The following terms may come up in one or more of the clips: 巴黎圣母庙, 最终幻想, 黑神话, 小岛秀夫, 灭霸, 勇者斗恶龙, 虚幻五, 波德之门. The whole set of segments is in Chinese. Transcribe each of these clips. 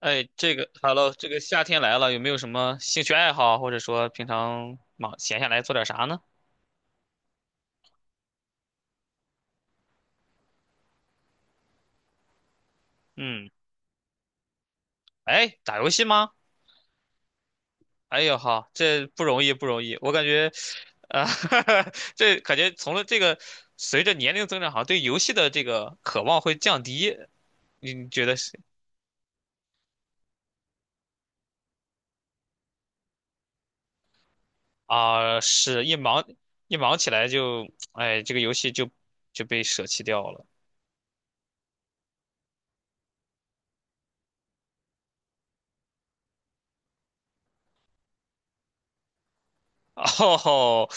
哎，这个哈喽，这个夏天来了，有没有什么兴趣爱好，或者说平常忙闲下来做点啥呢？嗯，哎，打游戏吗？哎呦好，这不容易不容易，我感觉，啊、这感觉从了这个随着年龄增长，好像对游戏的这个渴望会降低。你觉得是啊、是一忙起来就，哎，这个游戏就被舍弃掉了。哦，吼，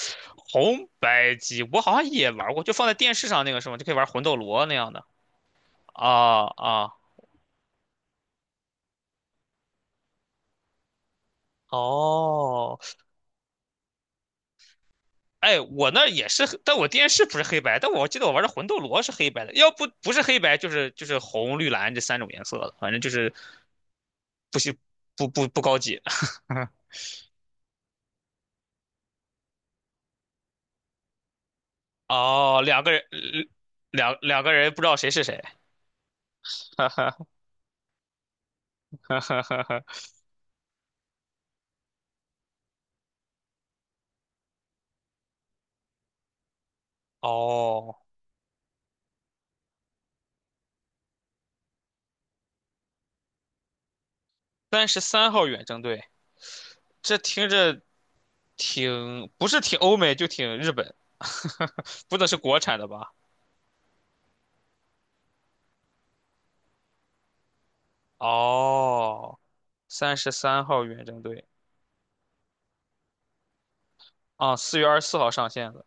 红白机我好像也玩过，就放在电视上那个是吗？就可以玩魂斗罗那样的。啊啊哦，哎，我那儿也是，但我电视不是黑白，但我记得我玩的魂斗罗是黑白的，要不不是黑白就是红绿蓝这三种颜色的，反正就是不是不高级。哦，两个人，两个人不知道谁是谁。哦，三十三号远征队，这听着。挺不是挺欧美就挺日本，不能是国产的吧？哦，三十三号远征队啊，4月24号上线的。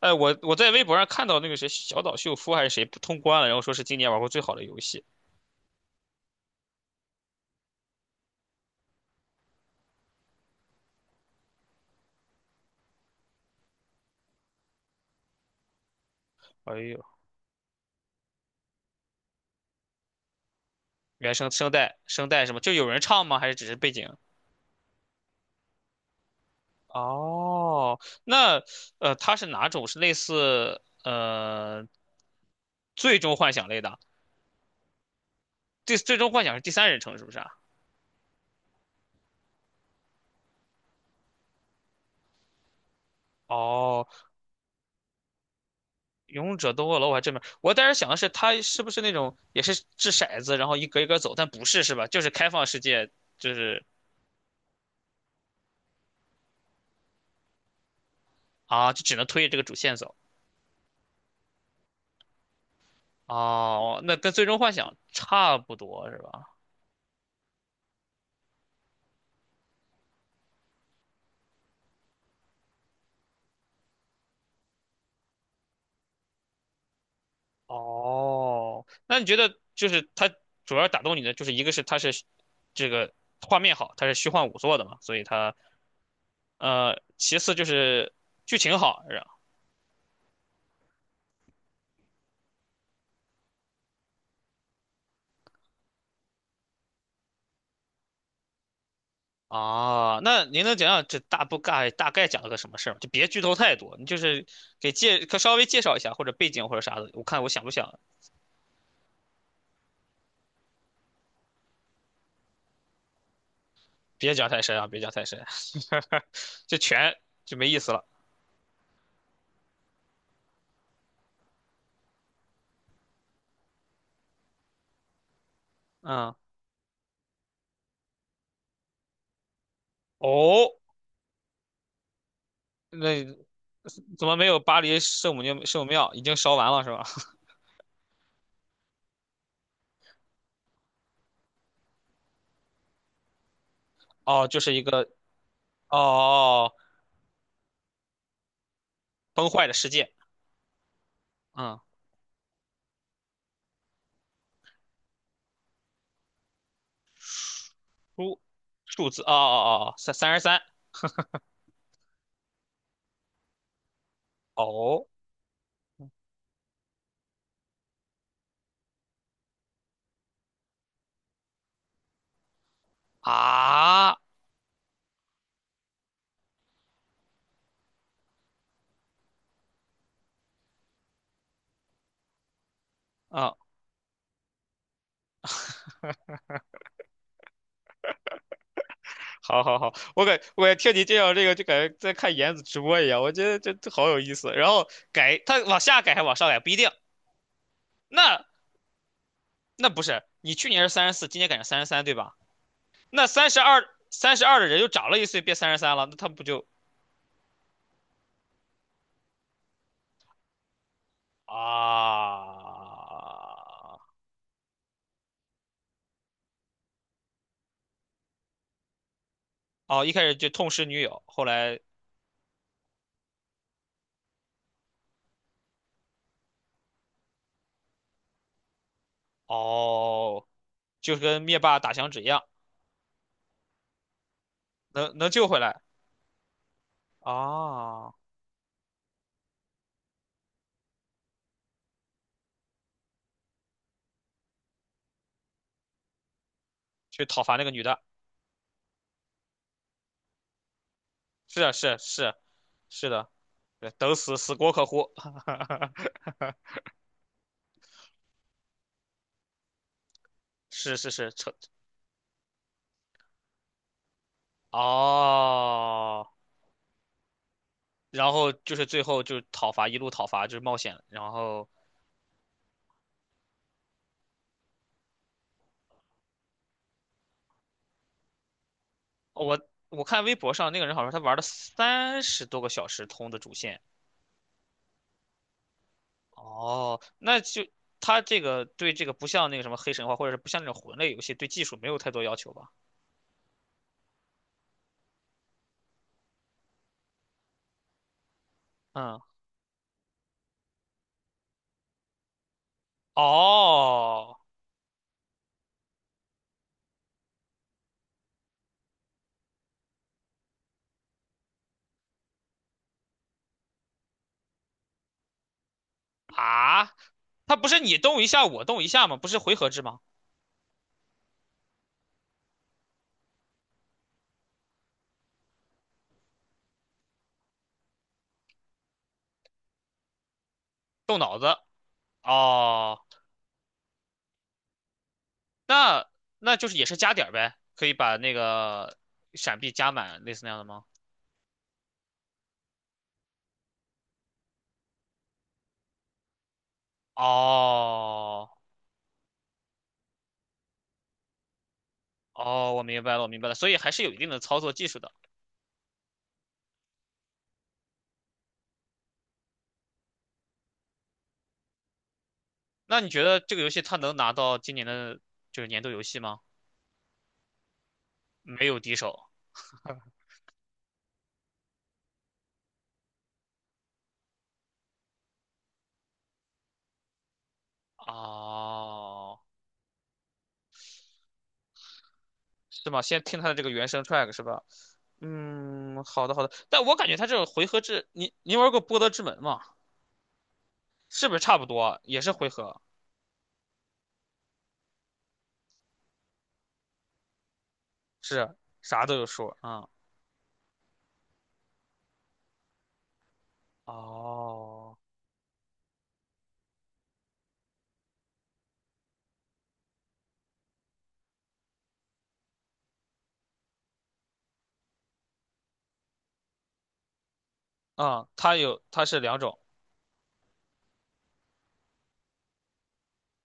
哎，我在微博上看到那个谁小岛秀夫还是谁不通关了，然后说是今年玩过最好的游戏。哎呦，原声声带什么？就有人唱吗？还是只是背景？哦，那它是哪种？是类似最终幻想类的？最终幻想是第三人称是不是啊？哦，勇者斗恶龙我还真没，我当时想的是他是不是那种也是掷骰子，然后一格一格走，但不是是吧？就是开放世界，就是啊，就只能推着这个主线走。哦，那跟最终幻想差不多是吧？哦，那你觉得就是它主要打动你的就是一个是它是这个画面好，它是虚幻5做的嘛，所以它其次就是剧情好，哦，那您能讲讲这大不概大概讲了个什么事儿吗？就别剧透太多，你就是可稍微介绍一下或者背景或者啥的，我看我想不想，别讲太深啊，别讲太深，就全就没意思了。嗯，哦，那怎么没有巴黎圣母庙？圣母庙已经烧完了是吧？哦，就是一个哦哦，哦崩坏的世界。嗯，数数字哦哦哦，三十三。哦啊啊好好好，我感觉听你介绍这个就感觉在看妍子直播一样，我觉得这好有意思。然后改，他往下改还往上改不一定，那那不是你去年是34，今年改成三十三对吧？那三十二的人又长了一岁，变三十三了，那他不就啊？哦，一开始就痛失女友，后来哦，就是跟灭霸打响指一样，能救回来啊？去讨伐那个女的，是啊是啊是啊是的。对，等死死锅可乎，是是是，扯哦，然后就是最后就讨伐，一路讨伐就是冒险，然后哦我看微博上那个人好像他玩了30多个小时通的主线，哦，那就他这个对这个不像那个什么黑神话或者是不像那种魂类游戏对技术没有太多要求吧？嗯，哦啊，他不是你动一下我动一下吗？不是回合制吗？动脑子哦。那那就是也是加点儿呗，可以把那个闪避加满，类似那样的吗？哦哦，我明白了，我明白了，所以还是有一定的操作技术的。那你觉得这个游戏它能拿到今年的就是年度游戏吗？没有敌手。哦，是吗？先听它的这个原声 track 是吧？嗯，好的好的。但我感觉它这个回合制，你玩过《波德之门》吗？是不是差不多？也是回合，是啥都有数啊。哦。啊，它有，它是两种。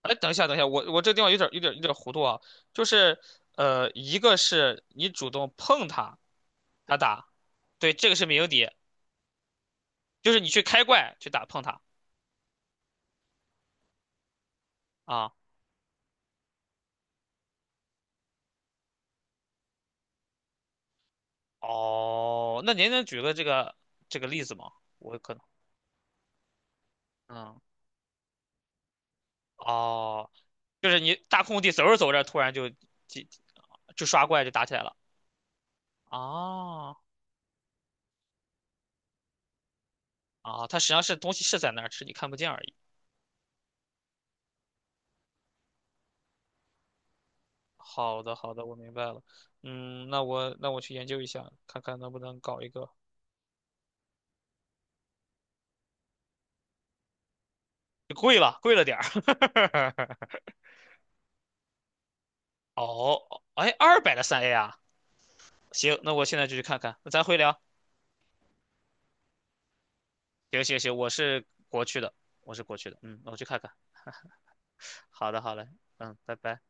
哎，等一下，等一下，我这个地方有点糊涂啊，就是一个是你主动碰它，它打，对，这个是鸣底，就是你去开怪去打碰它啊。哦，那您能举个这个例子吗？我可能，嗯，哦，就是你大空地走着走着，突然就就刷怪就打起来了。哦，哦，它实际上是东西是在那儿，只是你看不见而已。好的，好的，我明白了。嗯，那我去研究一下，看看能不能搞一个。贵了，贵了点儿。哦，哎，200的3A 啊，行，那我现在就去看看。那咱回聊。行行行，我是国区的，我是国区的。嗯，那我去看看。好的，好嘞。嗯，拜拜。